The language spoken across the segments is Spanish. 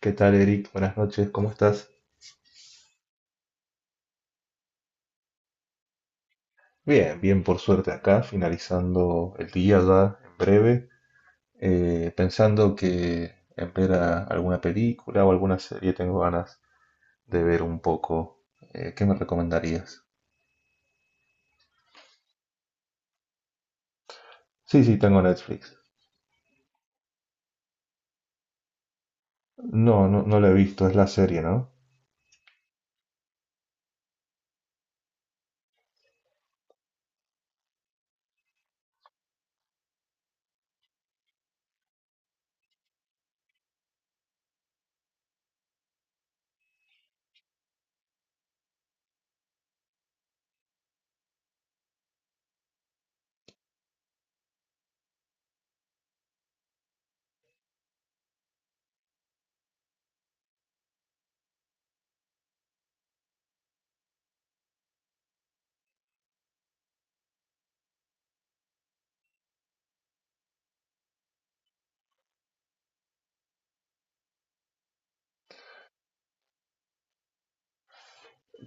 ¿Qué tal, Eric? Buenas noches, ¿cómo estás? Bien, bien, por suerte acá, finalizando el día ya en breve, pensando que en ver alguna película o alguna serie tengo ganas de ver un poco. ¿Qué me recomendarías? Sí, sí, tengo Netflix. No, no, no la he visto, es la serie, ¿no?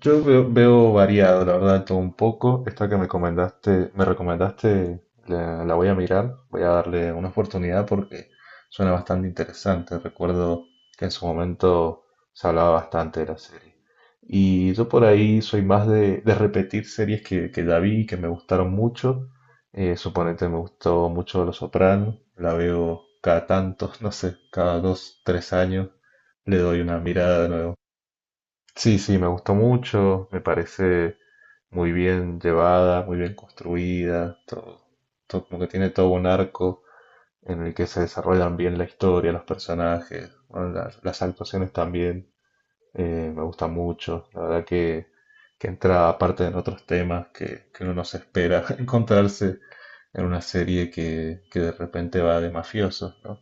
Yo veo, veo variado, la verdad, todo un poco. Esta que me comentaste, me recomendaste, la voy a mirar, voy a darle una oportunidad porque suena bastante interesante. Recuerdo que en su momento se hablaba bastante de la serie. Y yo por ahí soy más de repetir series que ya vi y que me gustaron mucho. Suponete me gustó mucho Los Soprano, la veo cada tantos, no sé, cada dos, tres años, le doy una mirada de nuevo. Sí, sí, me gustó mucho, me parece muy bien llevada, muy bien construida, todo, todo como que tiene todo un arco en el que se desarrollan bien la historia, los personajes, bueno, las actuaciones también, me gusta mucho, la verdad que entra aparte en otros temas que uno no se espera encontrarse en una serie que de repente va de mafiosos, ¿no?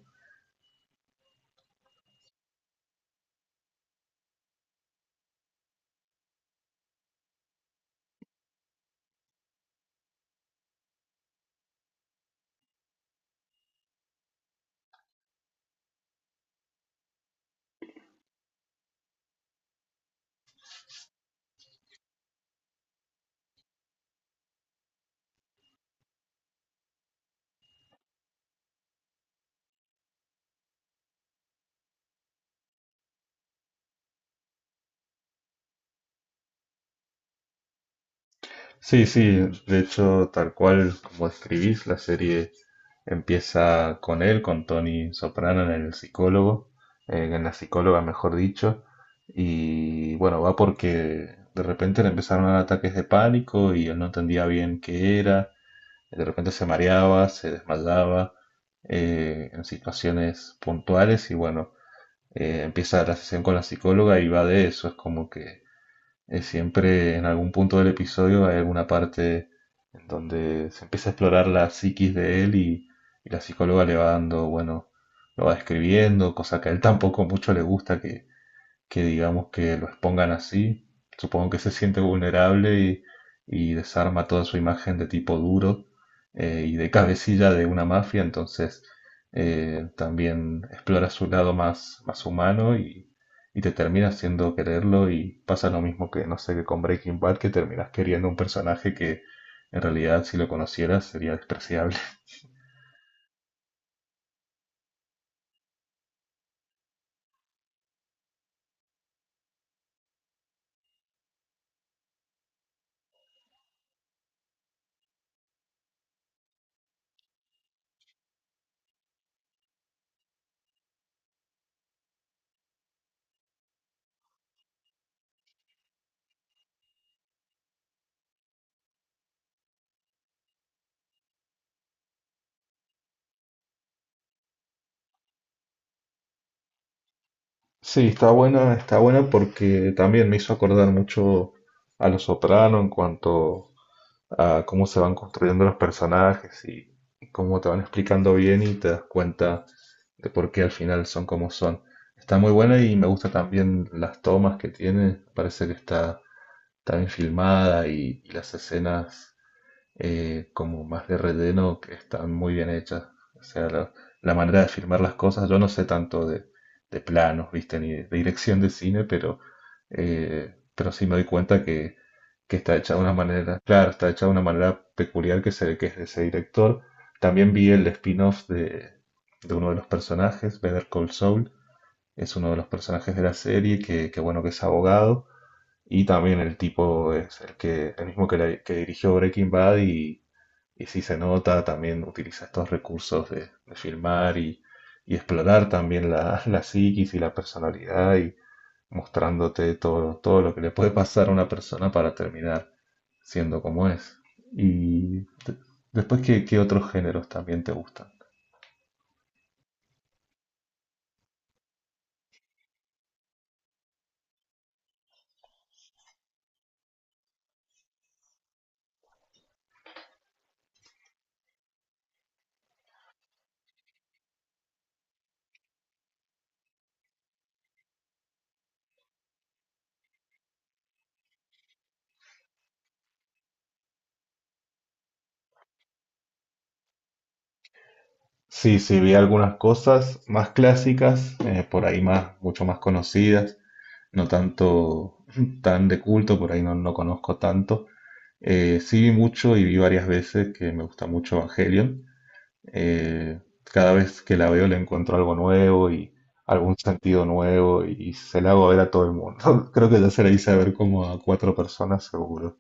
Sí, sí, de hecho, tal cual como escribís, la serie empieza con él, con Tony Soprano en el psicólogo, en la psicóloga, mejor dicho, y bueno, va porque de repente le empezaron a dar ataques de pánico y él no entendía bien qué era, de repente se mareaba, se desmayaba en situaciones puntuales y bueno, empieza la sesión con la psicóloga y va de eso, es como que siempre en algún punto del episodio hay alguna parte en donde se empieza a explorar la psiquis de él y la psicóloga le va dando, bueno, lo va describiendo, cosa que a él tampoco mucho le gusta, que digamos que lo expongan así, supongo que se siente vulnerable y desarma toda su imagen de tipo duro y de cabecilla de una mafia, entonces también explora su lado más, más humano y te termina haciendo quererlo y pasa lo mismo que, no sé, que con Breaking Bad, que terminas queriendo un personaje que en realidad si lo conocieras sería despreciable. Sí, está buena porque también me hizo acordar mucho a Los Soprano en cuanto a cómo se van construyendo los personajes y cómo te van explicando bien y te das cuenta de por qué al final son como son. Está muy buena y me gusta también las tomas que tiene, parece que está, está bien filmada y las escenas como más de relleno que están muy bien hechas. O sea, la manera de filmar las cosas, yo no sé tanto de planos, viste, ni de dirección de cine, pero sí me doy cuenta que está hecha de una manera, claro, está hecha de una manera peculiar que se ve que es de ese director. También vi el spin-off de uno de los personajes, Better Call Saul, es uno de los personajes de la serie que bueno, que es abogado. Y también el tipo es el que, el mismo que, que dirigió Breaking Bad y si se nota, también utiliza estos recursos de filmar y explorar también la, la psiquis y la personalidad y mostrándote todo, todo lo que le puede pasar a una persona para terminar siendo como es. Y de- después, ¿qué, qué otros géneros también te gustan? Sí, sí, vi algunas cosas más clásicas, por ahí más, mucho más conocidas, no tanto tan de culto, por ahí no, no conozco tanto. Sí vi mucho y vi varias veces que me gusta mucho Evangelion. Cada vez que la veo le encuentro algo nuevo y algún sentido nuevo y se la hago ver a todo el mundo. Creo que ya se la hice ver como a cuatro personas seguro.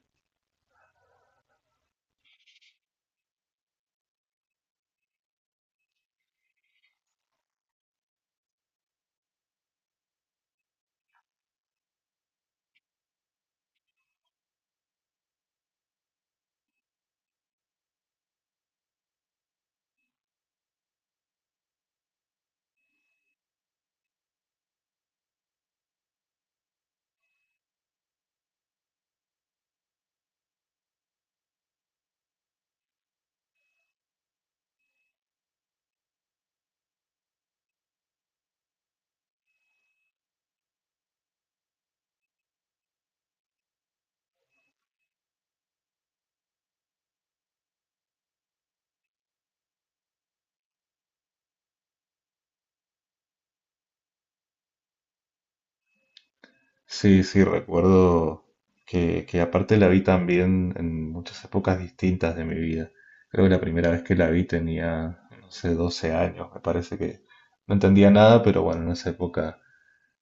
Sí, sí, recuerdo que aparte la vi también en muchas épocas distintas de mi vida. Creo que la primera vez que la vi tenía, no sé, 12 años, me parece que no entendía nada, pero bueno, en esa época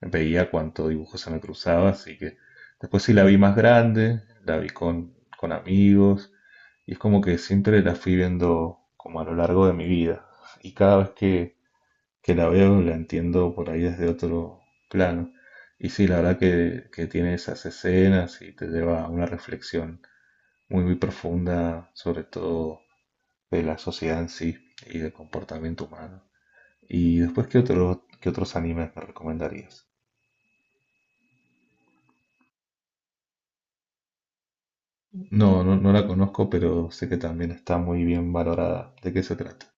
veía cuánto dibujo se me cruzaba, así que después sí la vi más grande, la vi con amigos, y es como que siempre la fui viendo como a lo largo de mi vida, y cada vez que la veo la entiendo por ahí desde otro plano. Y sí, la verdad que tiene esas escenas y te lleva a una reflexión muy, muy profunda, sobre todo de la sociedad en sí y del comportamiento humano. Y después, ¿qué otro, qué otros animes me recomendarías? No, no, no la conozco, pero sé que también está muy bien valorada. ¿De qué se trata?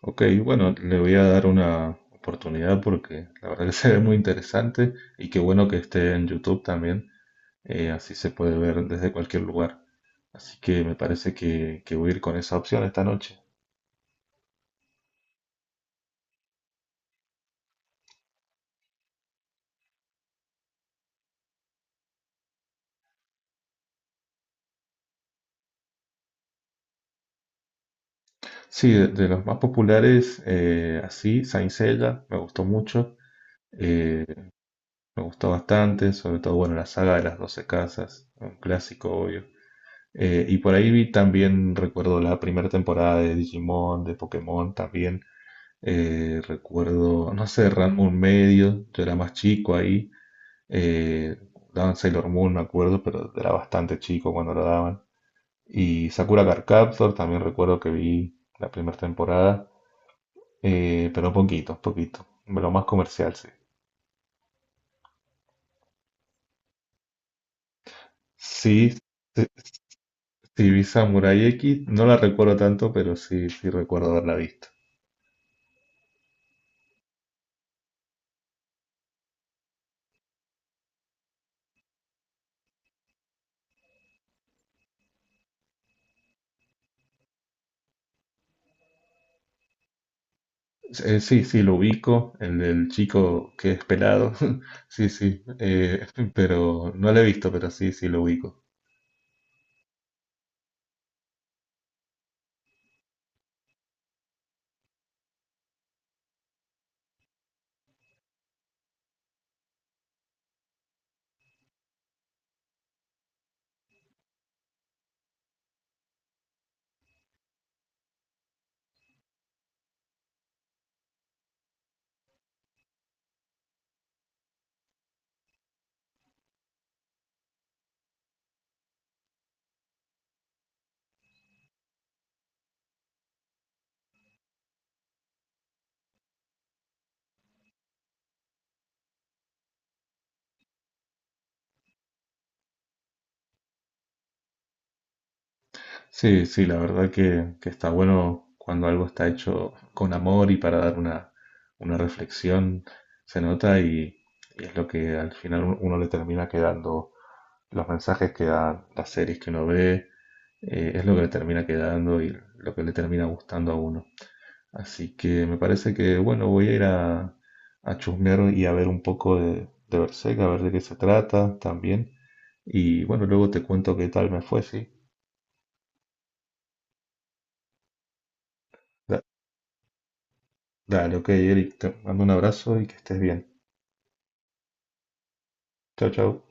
Ok, bueno, le voy a dar una oportunidad porque la verdad que se ve muy interesante y qué bueno que esté en YouTube también, así se puede ver desde cualquier lugar. Así que me parece que voy a ir con esa opción esta noche. Sí, de los más populares, así, Saint Seiya, me gustó mucho, eh, me gustó bastante, sobre todo, bueno, la saga de las 12 casas, un clásico, obvio. Y por ahí vi también, recuerdo la primera temporada de Digimon, de Pokémon también. Recuerdo, no sé, Ranma medio, yo era más chico ahí. Eh, daban Sailor Moon, me acuerdo, pero era bastante chico cuando lo daban. Y Sakura Card Captor también recuerdo que vi la primera temporada, pero poquito, poquito. Lo más comercial, sí. Sí, sí, sí vi Samurai X, no la recuerdo tanto, pero sí, sí recuerdo haberla visto. Sí, sí, lo ubico, el del chico que es pelado, sí, sí, pero no lo he visto, pero sí, sí, lo ubico. Sí, sí, la verdad que está bueno cuando algo está hecho con amor y para dar una reflexión, se nota y es lo que al final uno le termina quedando, los mensajes que dan las series que uno ve, es lo que le termina quedando y lo que le termina gustando a uno. Así que me parece que, bueno, voy a ir a chusmear y a ver un poco de Berserk, a ver de qué se trata también. Y bueno, luego te cuento qué tal me fue, ¿sí? Da- dale, ok, Eric, te mando un abrazo y que estés bien. Chao, chao.